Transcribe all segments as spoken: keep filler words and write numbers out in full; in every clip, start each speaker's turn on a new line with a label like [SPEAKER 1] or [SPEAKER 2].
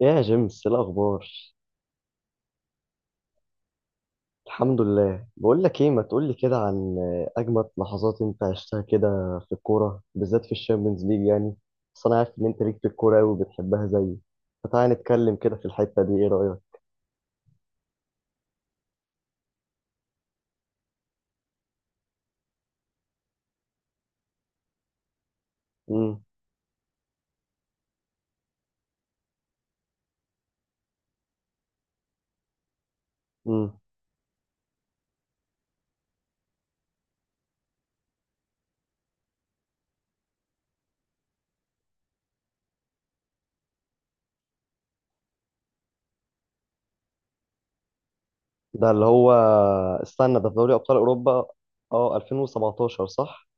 [SPEAKER 1] يا جيمس، إيه الاخبار؟ الحمد لله. بقول لك ايه، ما تقول لي كده عن اجمد لحظات انت عشتها كده في الكوره، بالذات في الشامبيونز ليج يعني. بس انا عارف ان انت ليك في الكوره قوي وبتحبها زيي، فتعالى نتكلم كده في الحته دي. ايه رايك؟ امم امم ده اللي هو، استنى، ده في دوري ابطال اوروبا. اه، ألفين وسبعتاشر صح؟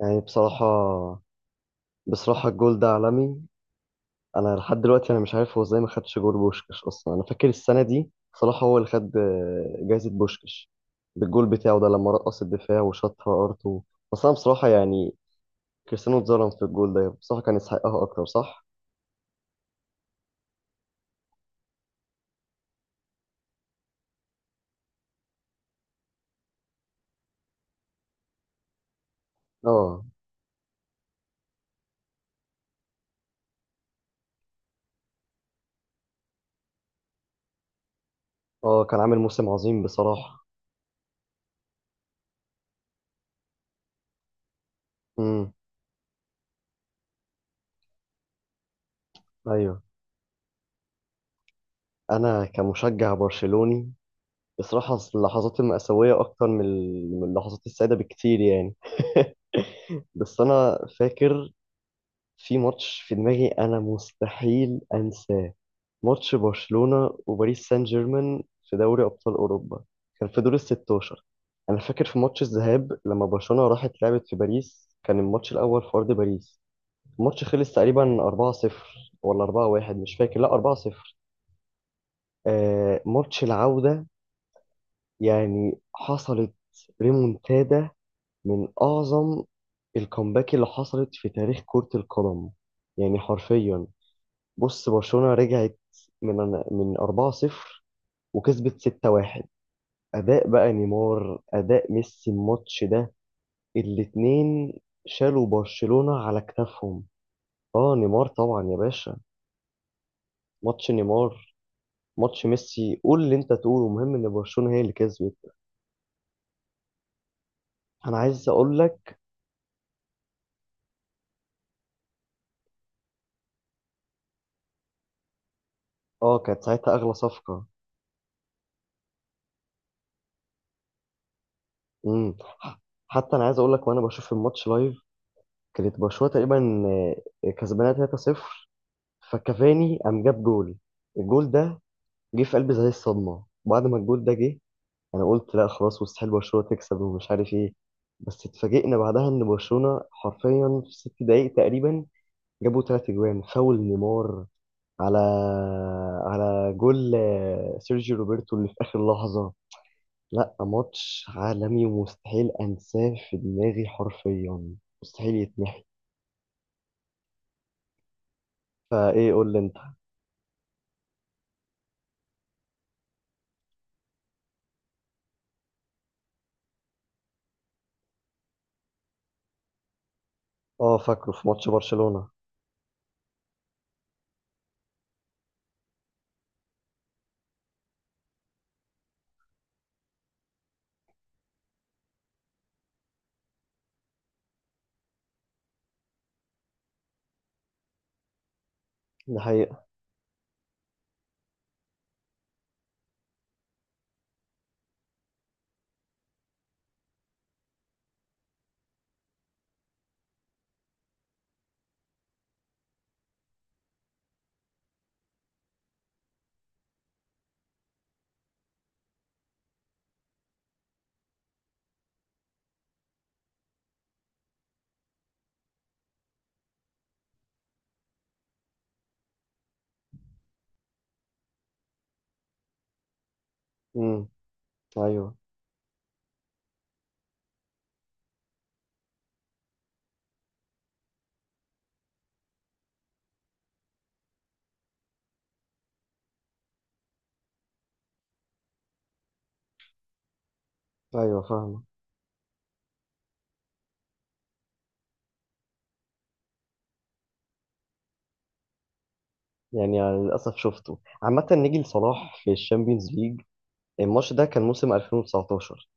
[SPEAKER 1] يعني بصراحه، بصراحه الجول ده عالمي. انا لحد دلوقتي انا مش عارف هو ازاي ما خدش جول بوشكش اصلا. انا فاكر السنه دي صلاح هو اللي خد آه، جايزه بوشكش بالجول بتاعه ده لما رقص الدفاع وشاطها ارتو. بس انا بصراحه يعني كريستيانو اتظلم في الجول ده. بصراحه كان يستحقها اكتر، صح؟ اه. اه، كان عامل موسم عظيم بصراحه. امم. ايوه، انا كمشجع برشلوني بصراحه اللحظات المأساوية أكتر من ال- من اللحظات السعيدة بكتير يعني بس أنا فاكر في ماتش في دماغي انا مستحيل انساه. ماتش برشلونة وباريس سان جيرمان في دوري ابطال اوروبا. كان في دور ال ستة عشر. انا فاكر في ماتش الذهاب لما برشلونة راحت لعبت في باريس، كان الماتش الاول في ارض باريس. الماتش خلص تقريبا أربعة صفر ولا أربعة واحد، مش فاكر، لا أربعة صفر. آه، ماتش العودة يعني حصلت ريمونتادا من اعظم الكومباك اللي حصلت في تاريخ كرة القدم، يعني حرفيا. بص، برشلونة رجعت من من أربعة صفر وكسبت ستة واحد. أداء بقى نيمار، أداء ميسي الماتش ده، الاتنين شالوا برشلونة على كتافهم. اه، نيمار طبعا يا باشا. ماتش نيمار، ماتش ميسي، قول اللي انت تقوله، المهم ان برشلونة هي اللي كسبت. انا عايز اقول لك. اه، كانت ساعتها اغلى صفقة. امم. حتى انا عايز اقول لك، وانا بشوف الماتش لايف كانت برشلونة تقريبا آه، كسبانة ثلاثة صفر. فكافاني قام جاب جول. الجول ده جه في قلبي زي الصدمة بعد ما الجول ده جه. أنا قلت لا خلاص، مستحيل برشلونة تكسب ومش عارف إيه. بس اتفاجئنا بعدها إن برشلونة حرفيا في ست دقايق تقريبا جابوا تلات أجوان. فاول نيمار على على جول آه، سيرجيو روبرتو اللي في آخر لحظة. لا، ماتش عالمي ومستحيل أنساه في دماغي حرفيا، مستحيل يتمحي. فإيه، قول لي أنت. أه، فاكره. في ماتش برشلونة ده حقيقة. امم. أيوه. أيوه، فاهمة. يعني على للأسف شفته. عامة نيجي لصلاح في الشامبيونز ليج. الماتش ده كان موسم ألفين وتسعتاشر،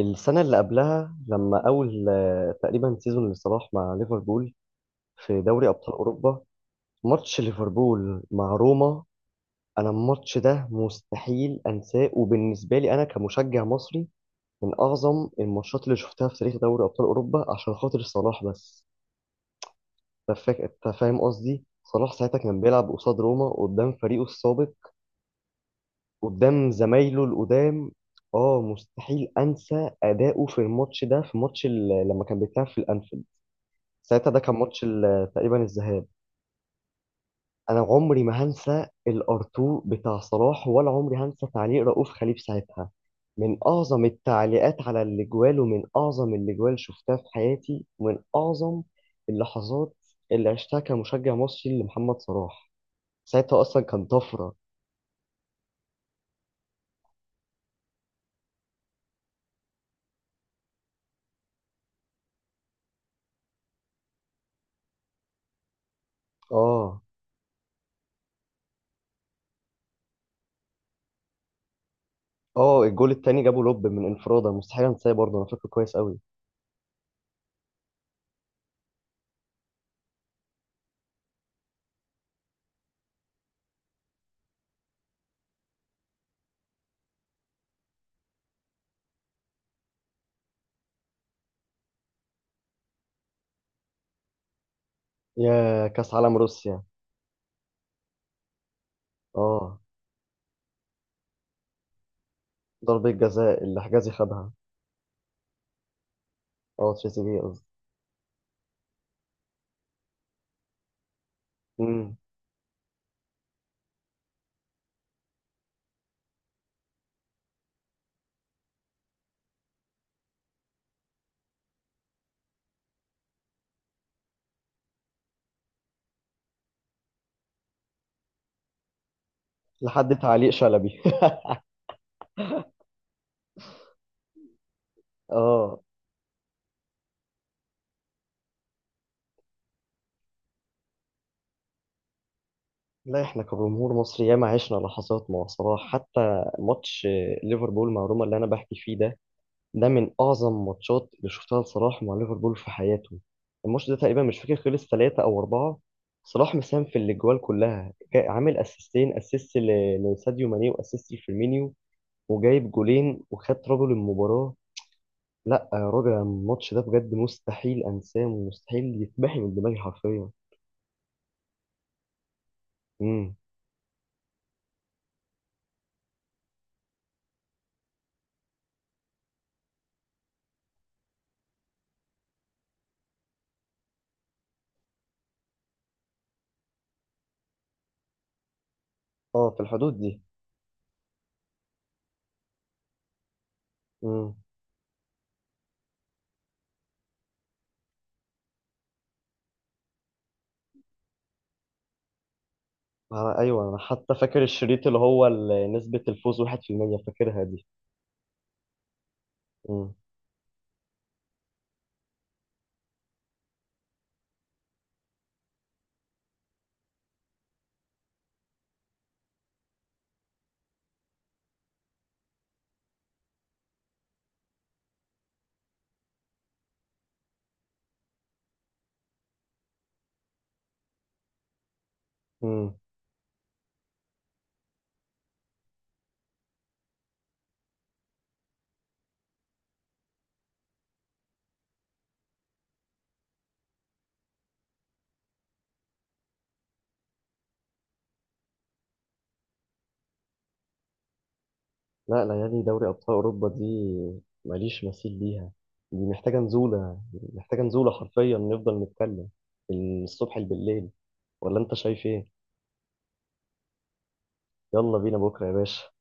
[SPEAKER 1] السنة اللي قبلها لما أول آه، تقريبا سيزون لصلاح مع ليفربول في دوري أبطال أوروبا. ماتش ليفربول مع روما. أنا الماتش ده مستحيل أنساه، وبالنسبة لي أنا كمشجع مصري من أعظم الماتشات اللي شفتها في تاريخ دوري أبطال أوروبا عشان خاطر صلاح بس. أنت فاك- أنت فاهم قصدي؟ صلاح ساعتها كان بيلعب قصاد روما قدام فريقه السابق، قدام زمايله القدام. اه، مستحيل انسى اداؤه في الماتش ده، في ماتش ال- لما كان بيتلعب في الانفيلد. ساعتها ده كان ماتش ال- تقريبا الذهاب. انا عمري ما هنسى الارتو بتاع صلاح، ولا عمري هنسى تعليق رؤوف خليف ساعتها. من اعظم التعليقات على الاجوال، ومن اعظم الاجوال شفتها في حياتي، ومن اعظم اللحظات اللي عشتها كمشجع مصري لمحمد صلاح. ساعتها اصلا كان طفره. اه. اه، الجول التاني جابه لوب من انفراده، مستحيل انساه برضه، انا فاكره كويس قوي. يا كاس عالم روسيا. اه، ضربة جزاء اللي حجازي خدها، اه تريزيجيه قصدي. امم. لحد تعليق شلبي. اه. لا، احنا كجمهور مصري ياما عشنا لحظات مع صلاح، حتى ماتش ليفربول مع روما اللي انا بحكي فيه ده. ده من اعظم ماتشات اللي شفتها لصلاح مع ليفربول في حياته. الماتش ده تقريبا مش فاكر خلص ثلاثة او اربعة. صلاح مساهم في الاجوال كلها. جا- عامل اسيستين، اسيست ل- لساديو ماني، واسيست لفيرمينيو، وجايب جولين، وخد رجل المباراة. لا يا راجل، الماتش ده بجد مستحيل انساه ومستحيل يتمحي من دماغي حرفيا. امم. اه، في الحدود دي. امم. آه، ايوه، انا حتى فاكر الشريط اللي هو ال- نسبة الفوز واحد في المية فاكرها دي. امم. لا، ليالي دوري أبطال أوروبا دي ماليش مثيل ليها. دي محتاجة نزولة، محتاجة نزولة حرفيا، نفضل نتكلم من الصبح بالليل. ولا أنت شايف إيه؟ يلا بينا بكرة يا باشا.